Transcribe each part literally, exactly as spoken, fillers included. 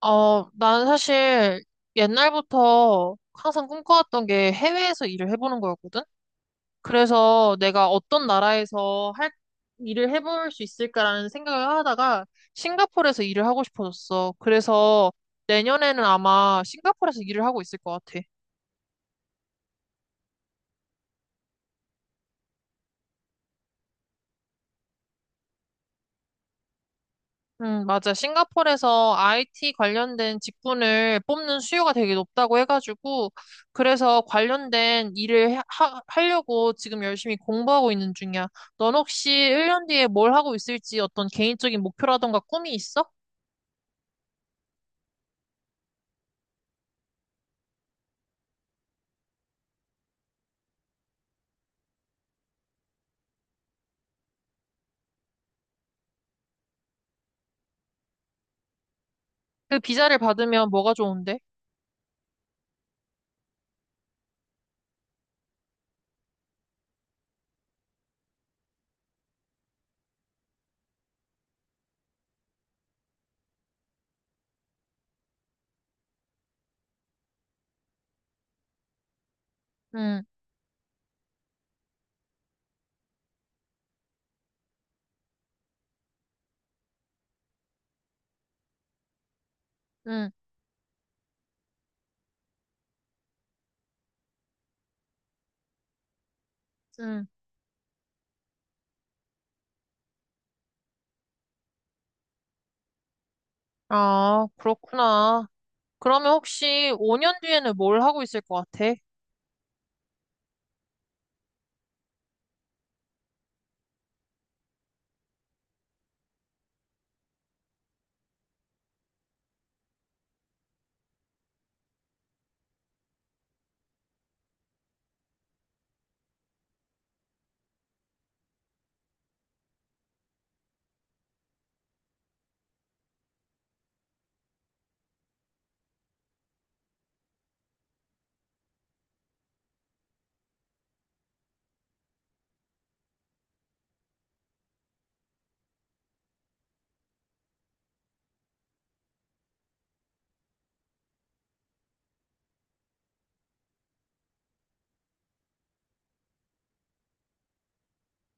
어, 나는 사실 옛날부터 항상 꿈꿔왔던 게 해외에서 일을 해보는 거였거든? 그래서 내가 어떤 나라에서 할, 일을 해볼 수 있을까라는 생각을 하다가 싱가포르에서 일을 하고 싶어졌어. 그래서 내년에는 아마 싱가포르에서 일을 하고 있을 것 같아. 음, 맞아. 싱가포르에서 아이티 관련된 직군을 뽑는 수요가 되게 높다고 해가지고, 그래서 관련된 일을 하, 하려고 지금 열심히 공부하고 있는 중이야. 넌 혹시 일 년 뒤에 뭘 하고 있을지 어떤 개인적인 목표라던가 꿈이 있어? 그 비자를 받으면 뭐가 좋은데? 응, 응, 응. 아, 그렇구나. 그러면 혹시 오 년 뒤에는 뭘 하고 있을 것 같아?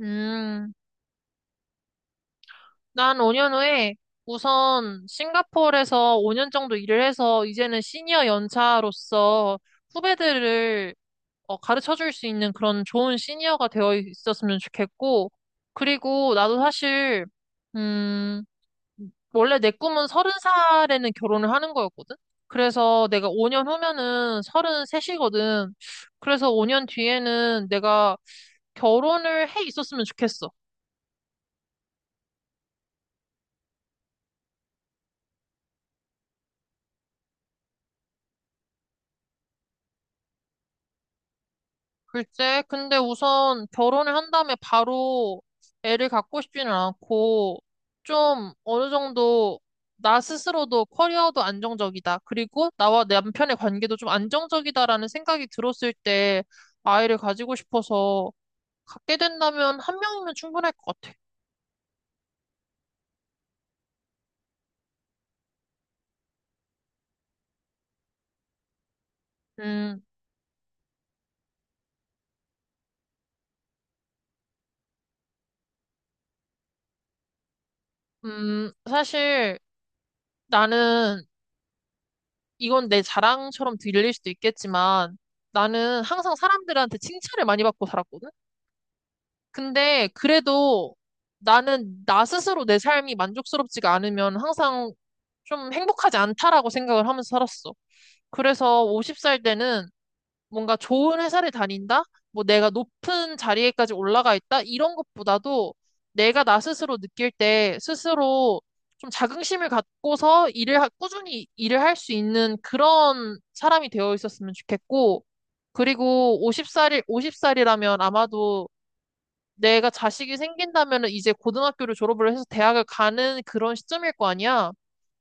음. 난 오 년 후에 우선 싱가포르에서 오 년 정도 일을 해서 이제는 시니어 연차로서 후배들을 어, 가르쳐 줄 수 있는 그런 좋은 시니어가 되어 있었으면 좋겠고, 그리고 나도 사실, 음, 원래 내 꿈은 서른 살에는 결혼을 하는 거였거든? 그래서 내가 오 년 후면은 서른 셋이거든. 그래서 오 년 뒤에는 내가 결혼을 해 있었으면 좋겠어. 글쎄, 근데 우선 결혼을 한 다음에 바로 애를 갖고 싶지는 않고, 좀 어느 정도 나 스스로도 커리어도 안정적이다. 그리고 나와 내 남편의 관계도 좀 안정적이다라는 생각이 들었을 때 아이를 가지고 싶어서 갖게 된다면 한 명이면 충분할 것 같아. 음, 음, 사실 나는 이건 내 자랑처럼 들릴 수도 있겠지만 나는 항상 사람들한테 칭찬을 많이 받고 살았거든. 근데 그래도 나는 나 스스로 내 삶이 만족스럽지가 않으면 항상 좀 행복하지 않다라고 생각을 하면서 살았어. 그래서 오십 살 때는 뭔가 좋은 회사를 다닌다? 뭐 내가 높은 자리에까지 올라가 있다? 이런 것보다도 내가 나 스스로 느낄 때 스스로 좀 자긍심을 갖고서 일을, 하- 꾸준히 일을 할 수 있는 그런 사람이 되어 있었으면 좋겠고, 그리고 오십 살이 오십 살이라면 아마도 내가 자식이 생긴다면은 이제 고등학교를 졸업을 해서 대학을 가는 그런 시점일 거 아니야.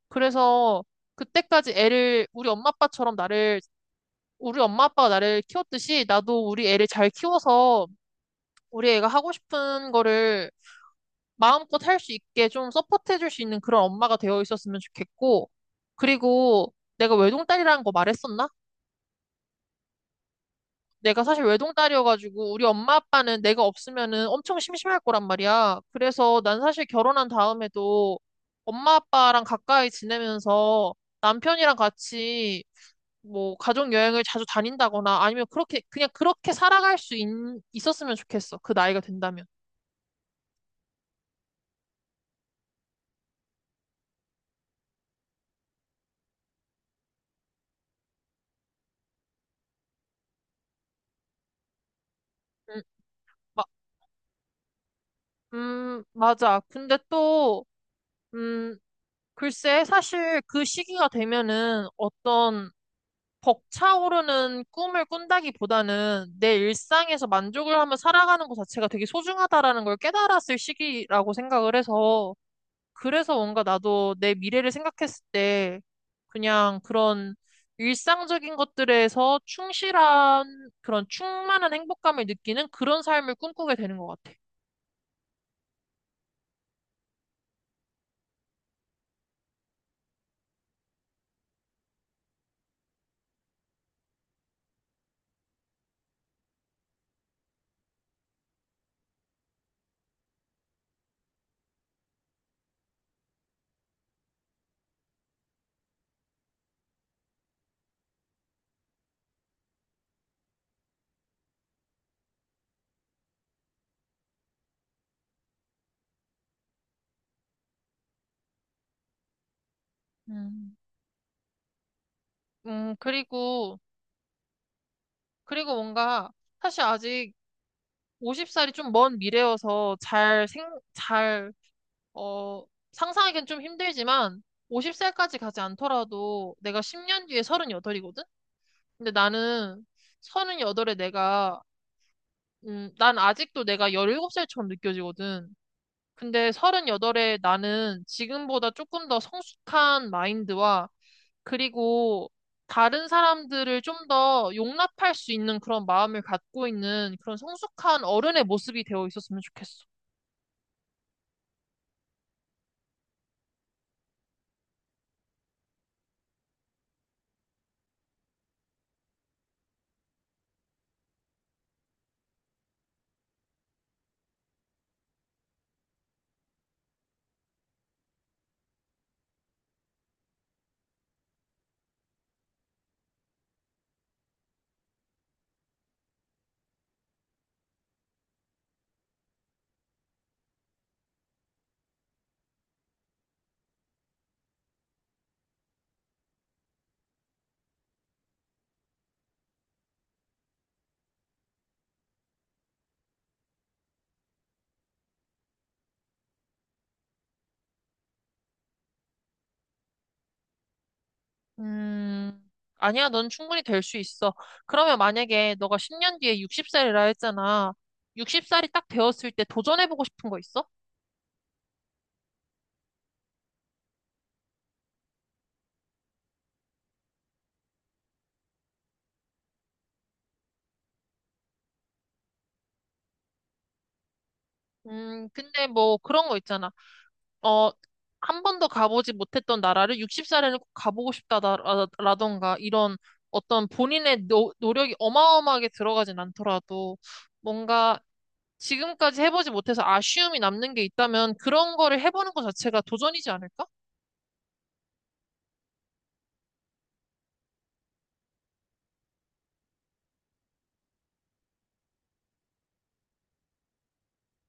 그래서 그때까지 애를 우리 엄마 아빠처럼 나를 우리 엄마 아빠가 나를 키웠듯이 나도 우리 애를 잘 키워서 우리 애가 하고 싶은 거를 마음껏 할 수 있게 좀 서포트해 줄 수 있는 그런 엄마가 되어 있었으면 좋겠고 그리고 내가 외동딸이라는 거 말했었나? 내가 사실 외동딸이어가지고 우리 엄마 아빠는 내가 없으면은 엄청 심심할 거란 말이야. 그래서 난 사실 결혼한 다음에도 엄마 아빠랑 가까이 지내면서 남편이랑 같이 뭐 가족 여행을 자주 다닌다거나 아니면 그렇게 그냥 그렇게 살아갈 수 있, 있었으면 좋겠어. 그 나이가 된다면. 음, 마, 음, 맞아. 근데 또 음, 글쎄 사실 그 시기가 되면은 어떤 벅차오르는 꿈을 꾼다기보다는 내 일상에서 만족을 하며 살아가는 것 자체가 되게 소중하다라는 걸 깨달았을 시기라고 생각을 해서 그래서 뭔가 나도 내 미래를 생각했을 때 그냥 그런 일상적인 것들에서 충실한 그런 충만한 행복감을 느끼는 그런 삶을 꿈꾸게 되는 것 같아. 음, 음, 그리고, 그리고 뭔가, 사실 아직 오십 살이 좀 먼 미래여서 잘 생, 잘 어, 상상하기는 좀 힘들지만 오십 살까지 가지 않더라도 내가 십 년 뒤에 서른여덟이거든? 근데 나는 서른여덟에 내가 음, 난 아직도 내가 열일곱 살처럼 느껴지거든. 근데 서른여덟에 나는 지금보다 조금 더 성숙한 마인드와 그리고 다른 사람들을 좀 더 용납할 수 있는 그런 마음을 갖고 있는 그런 성숙한 어른의 모습이 되어 있었으면 좋겠어. 음, 아니야, 넌 충분히 될 수 있어. 그러면 만약에 너가 십 년 뒤에 육십 살이라 했잖아. 육십 살이 딱 되었을 때 도전해보고 싶은 거 있어? 음, 근데 뭐 그런 거 있잖아. 어, 한 번도 가보지 못했던 나라를 육십 살에는 꼭 가보고 싶다라던가 이런 어떤 본인의 노, 노력이 어마어마하게 들어가진 않더라도 뭔가 지금까지 해보지 못해서 아쉬움이 남는 게 있다면 그런 거를 해보는 것 자체가 도전이지 않을까?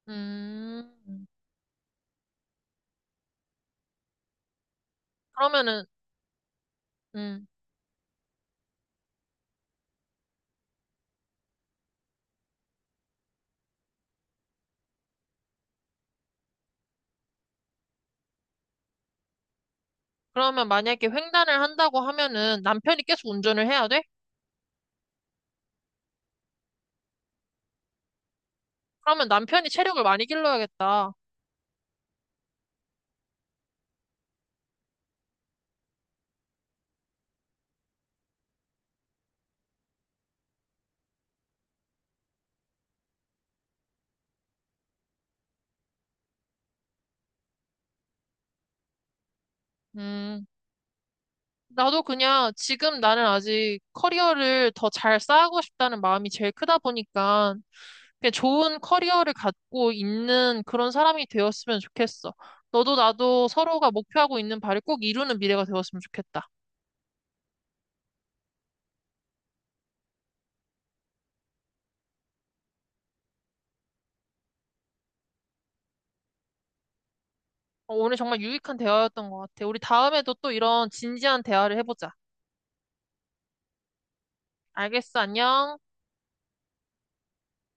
음, 그러면은, 음, 그러면 만약에 횡단을 한다고 하면은 남편이 계속 운전을 해야 돼? 그러면 남편이 체력을 많이 길러야겠다. 음. 나도 그냥 지금 나는 아직 커리어를 더 잘 쌓고 싶다는 마음이 제일 크다 보니까 그냥 좋은 커리어를 갖고 있는 그런 사람이 되었으면 좋겠어. 너도 나도 서로가 목표하고 있는 바를 꼭 이루는 미래가 되었으면 좋겠다. 어, 오늘 정말 유익한 대화였던 것 같아. 우리 다음에도 또 이런 진지한 대화를 해보자. 알겠어, 안녕.